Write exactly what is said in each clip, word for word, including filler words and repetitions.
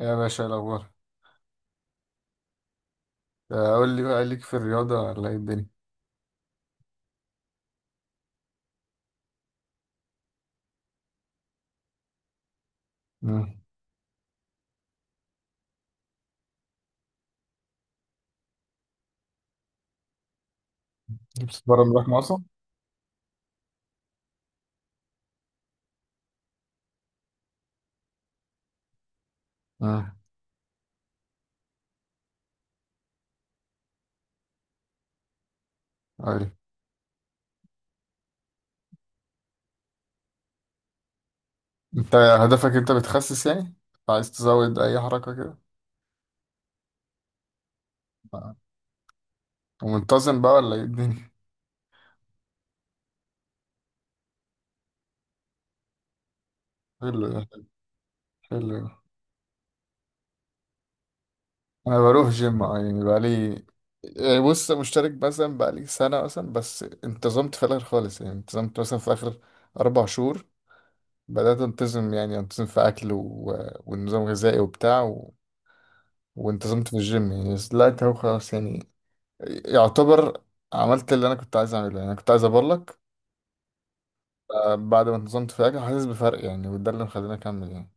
يا باشا، إيه الأخبار؟ آه، قول لي بقى ليك في الرياضة ولا إيه الدنيا؟ مم. بتتمرن بقى أصلا؟ مم. قول لي. أنت هدفك أنت بتخسس يعني؟ عايز تزود أي حركة كده؟ آه. ومنتظم بقى ولا إيه الدنيا؟ حلو ده. حلو ده. أنا بروح جيم أه يعني بقى لي. يعني بص، مشترك مثلا بقى لي سنة مثلا، بس انتظمت في الآخر خالص يعني، انتظمت مثلا في آخر أربع شهور بدأت أنتظم، يعني أنتظم في أكل و... ونظام غذائي وبتاع و... وانتظمت في الجيم يعني، بس دلوقتي اهو خلاص يعني، يعتبر عملت اللي انا كنت عايز اعمله يعني. انا كنت عايز اقول لك آه، بعد ما انتظمت في حاجه حاسس بفرق يعني، وده اللي مخليني اكمل يعني.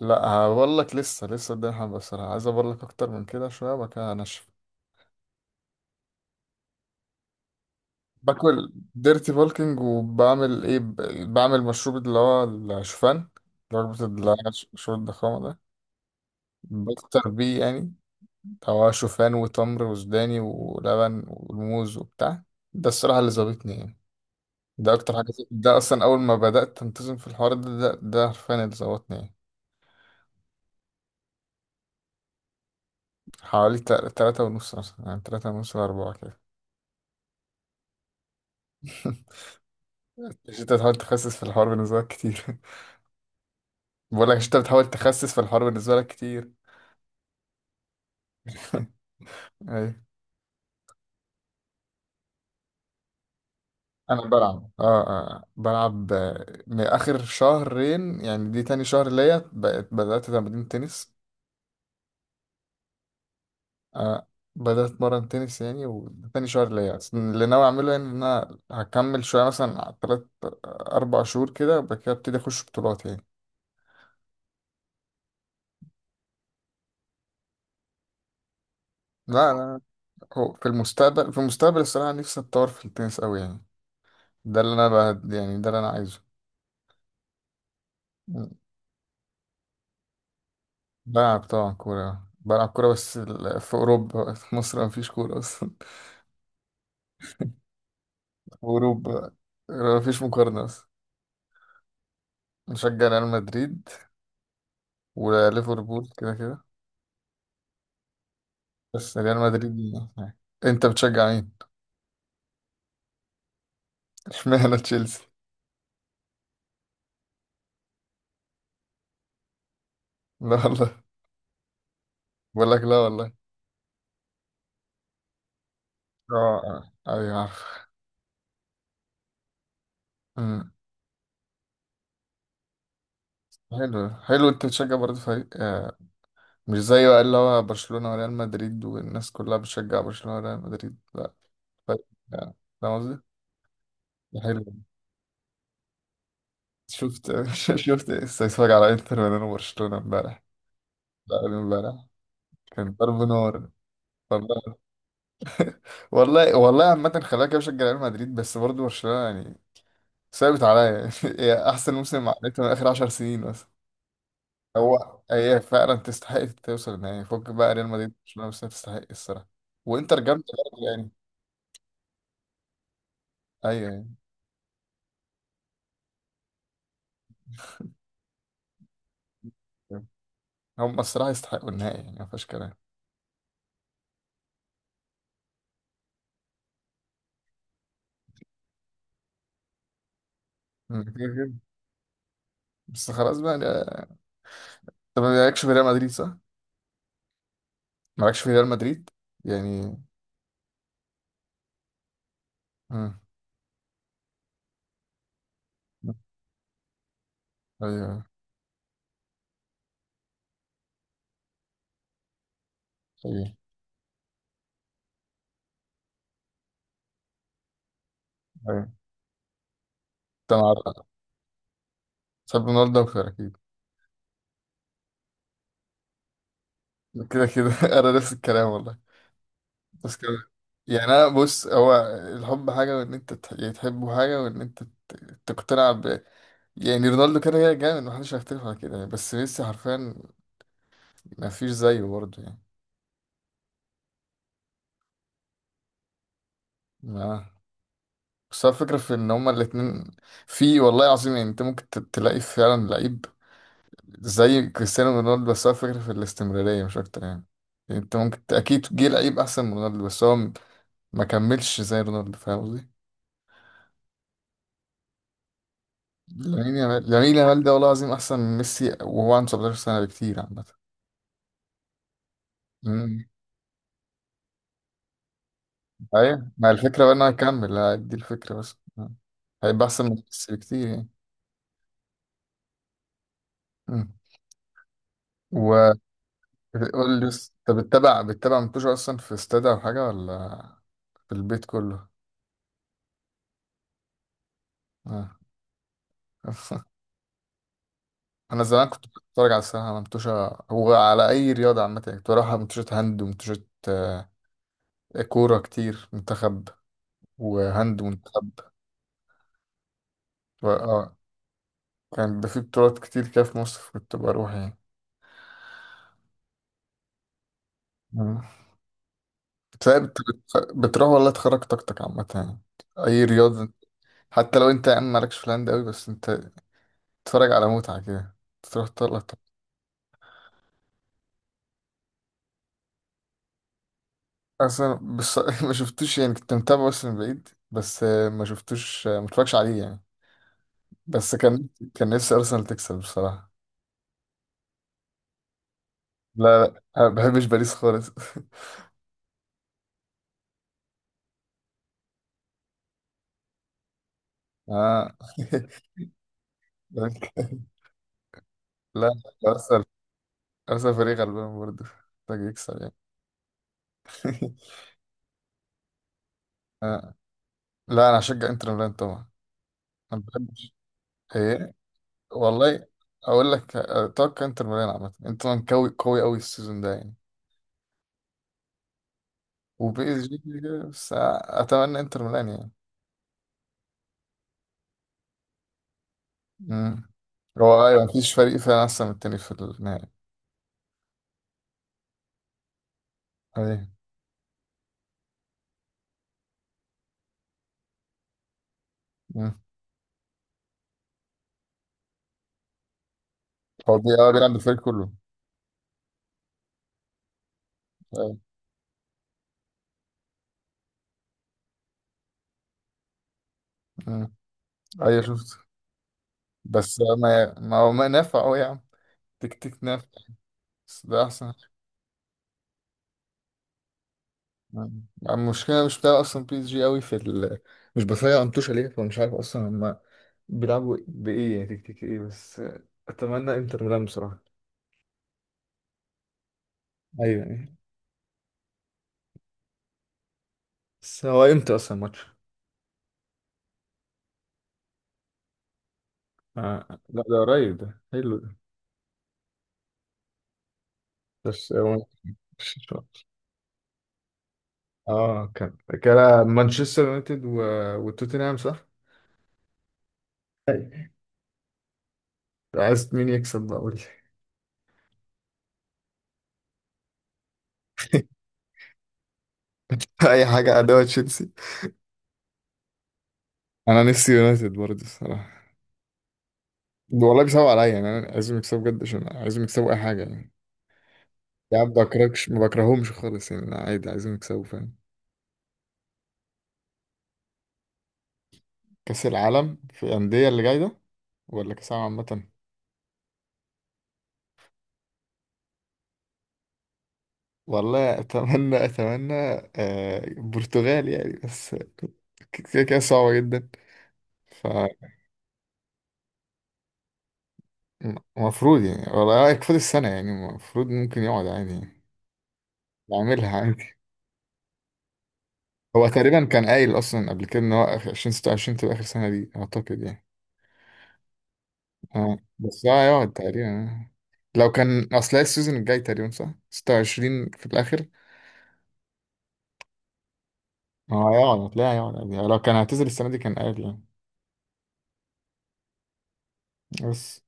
لا، هقول لك، لسه لسه قدامي حبه الصراحه، عايز اقول لك اكتر من كده شويه وبعد كده هنشف. باكل ديرتي بولكينج، وبعمل ايه، ب- بعمل مشروب اللي هو الشوفان، رغبة اللي هو مشروب الضخامة ده، بفطر بيه يعني. هو شوفان وتمر وسوداني ولبن وموز وبتاع. ده الصراحة اللي ظابطني يعني. ده اكتر حاجه، ده اصلا اول ما بدات انتظم في الحوار ده، ده, ده حرفيا اللي ظبطني يعني. حوالي تل- تلاتة ونص مثلا، يعني تلاتة ونص لأربعة كده. مش انت بتحاول تخسس في الحوار بالنسبة لك كتير؟ بقول لك، انت بتحاول تخسس في الحوار بالنسبة لك كتير. ايوه. انا بلعب، اه آه، بلعب آه، من اخر شهرين، يعني دي تاني شهر ليا بقيت بدأت تمرين تنس. آه، بدأت أتمرن تنس يعني، وتاني شهر ليا، بس اللي ناوي أعمله يعني إن أنا هكمل شوية مثلا على تلات أربع شهور كده، وبعد كده أبتدي أخش بطولات يعني. لا، أنا هو في المستقبل، في المستقبل الصراحة نفسي أتطور في التنس أوي يعني. ده اللي أنا بقى، يعني ده اللي أنا عايزه. بلعب طبعا كورة، بلعب كورة، بس ال- في أوروبا، في مصر مفيش كورة أصلا. في أوروبا مفيش مقارنة أصلا. بشجع ريال مدريد وليفربول، كده كده، بس ريال مدريد يعني. أنت بتشجع مين؟ اشمعنى تشيلسي؟ لا والله. بقول لك لا والله. اه، آه، ايوه عارف. أمم. حلو حلو، انت بتشجع برضه فريق آه، مش زي بقى اللي هو برشلونة وريال مدريد، والناس كلها بتشجع برشلونة وريال مدريد، لا فريق آه، فاهم قصدي؟ ده حلو. شفت شفت استفسار على انتر ميلان وبرشلونة امبارح؟ لا، قبل امبارح. كان ضرب نار. والله. والله والله، عامة خلاك بشجع ريال مدريد، بس برضه برشلونة يعني ثابت عليا يعني. هي احسن موسم عملته من اخر 10 سنين. هو هي فعلا تستحق توصل النهائي، فك بقى ريال مدريد برشلونة، بس هي تستحق الصراحة. وانتر جامدة برضه يعني. ايوه يعني، هم الصراحة يستحقوا النهائي، يعني ما فيهاش كلام. مم. كده كده. بس خلاص بقى ده- طب، ما مالكش في ريال مدريد صح؟ مالكش في ريال مدريد يعني. مم. ايوه. ايوه، ايوه. انت مع- تحب رونالدو اكتر اكيد. كده كده. انا نفس الكلام والله. بس كده يعني. انا بص، هو الحب حاجه، وان انت تح- يعني تحبه حاجه، وان انت ت- تقتنع يعني. رونالدو كده كده جامد، محدش هيختلف على كده يعني، بس ميسي حرفيا مفيش زيه برضه يعني. ما، بس هو الفكرة في إن هما الاتنين في، والله العظيم يعني. أنت ممكن ت- تلاقي فعلا لعيب زي كريستيانو رونالدو، بس هو الفكرة في الاستمرارية مش أكتر يعني. يعني أنت ممكن ت- أكيد جه لعيب أحسن من رونالدو، بس هو م- ما كملش زي رونالدو، فاهم قصدي؟ لامين يامال، لامين يامال ده والله العظيم أحسن من ميسي، وهو عنده 17 سنة بكتير عامة. أمم. أيوة، ما الفكرة بقى إن هو هيكمل، دي الفكرة بس آه. هيبقى أحسن من ميسي بكتير يعني. مم. وقول لي بس، انت بتتابع بتتابع منتوج اصلا في استاد او حاجه، ولا في البيت كله؟ آه. انا زمان كنت بتفرج على السباحه، على منتوشه، وعلى اي رياضه عامه يعني. كنت بروح على منتوشه هاند، ومنتوشه آه، كوره كتير، منتخب وهاند منتخب. و- اه كان بيبقى في بطولات كتير كده في مصر، كنت بروح يعني. مم. بتلاقي بت- بت- بتروح والله تخرج طاقتك عامه يعني، اي رياضه. حتى لو انت يا عم مالكش في الهاند قوي، بس انت تتفرج على متعه كده، تروح تطلع. اصلا بص ما شفتوش يعني، كنت متابعه بس من بعيد، بس آه، ما شفتوش، آه، ما اتفرجش عليه يعني. بس كان كان نفسي ارسنال تكسب بصراحه. لا لا، ما بحبش باريس خالص. اه. لا، ارسنال، ارسنال فريق غلبان برضه، محتاج يكسب يعني. آه. لا، انا هشجع انتر ميلان طبعا، انا ما بحبش. ايه؟ والله اقول لك، اتوقع انتر ميلان، عامه انتر ميلان قوي قوي قوي السيزون ده يعني. وبي اس جي كده كده، بس اتمنى انتر ميلان يعني. هو ايوه، مفيش فريق فعلا احسن من التاني في النهائي. ايوه. مم. هو بي- اه بيلعب بالفريق كله. ايوه. مم. أيوة، شفت. بس ما ما هو ما نافع قوي يا عم. تك تك نافع. بس ده احسن. مم. يعني المشكله مش بتاع اصلا، بي اس جي قوي في ال... مش بفايق انتوش عليه، فمش عارف اصلا هم بيلعبوا بايه، يعني تك تك ايه بس. اتمنى انتر ميلان بصراحه. ايوه يعني. بس هو امتى اصلا الماتش؟ آه. لا، ده قريب، ده حلو ده. بس هو اه، كان كان مانشستر يونايتد و... وتوتنهام صح؟ أيوة. عايز مين يكسب بقى؟ قول لي. اي حاجه ادوه تشيلسي. انا نفسي يونايتد برضه الصراحه. والله بيصعب عليا يعني، انا عايزهم يكسبوا بجد، عشان عايزهم يكسبوا اي حاجه يعني. يعني ما بكرهكش، ما بكرههمش خالص يعني، أنا عادي عايزهم يكسبوا فاهم. كاس العالم في الانديه اللي جاي ده، ولا كاس العالم عامه؟ والله اتمنى، اتمنى آه البرتغال يعني، بس كده كده صعبه جدا ف. المفروض يعني والله يكفي السنة يعني، المفروض ممكن يقعد عادي يعني، يعملها عادي. هو تقريبا كان قايل أصلا قبل كده إن هو آخر ألفين وعشرين وستة تبقى آخر سنة دي أعتقد يعني. آه. بس هو هيقعد تقريبا لو كان، أصل هي السيزون الجاي تقريبا صح؟ ستة وعشرين في الآخر. هو هيقعد، هتلاقيه هيقعد عادي يعني، لو كان هيعتزل السنة دي كان قايل يعني. بس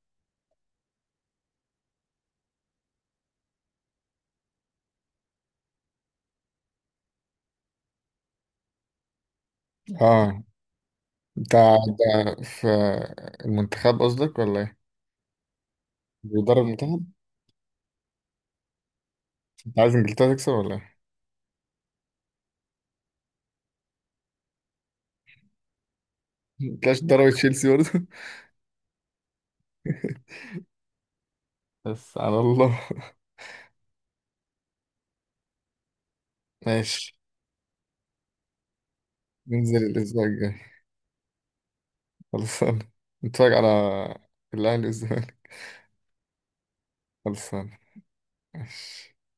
اه. أنت أنت في المنتخب قصدك ولا إيه؟ بيدرب المنتخب؟ أنت عايز إنجلترا تكسب ولا إيه؟ متلاقيش ضربت تشيلسي برضه. بس على الله. ماشي. ننزل الأسبوع الجاي. خلصان. نتفرج على الأهلي والزمالك. خلصان. ماشي.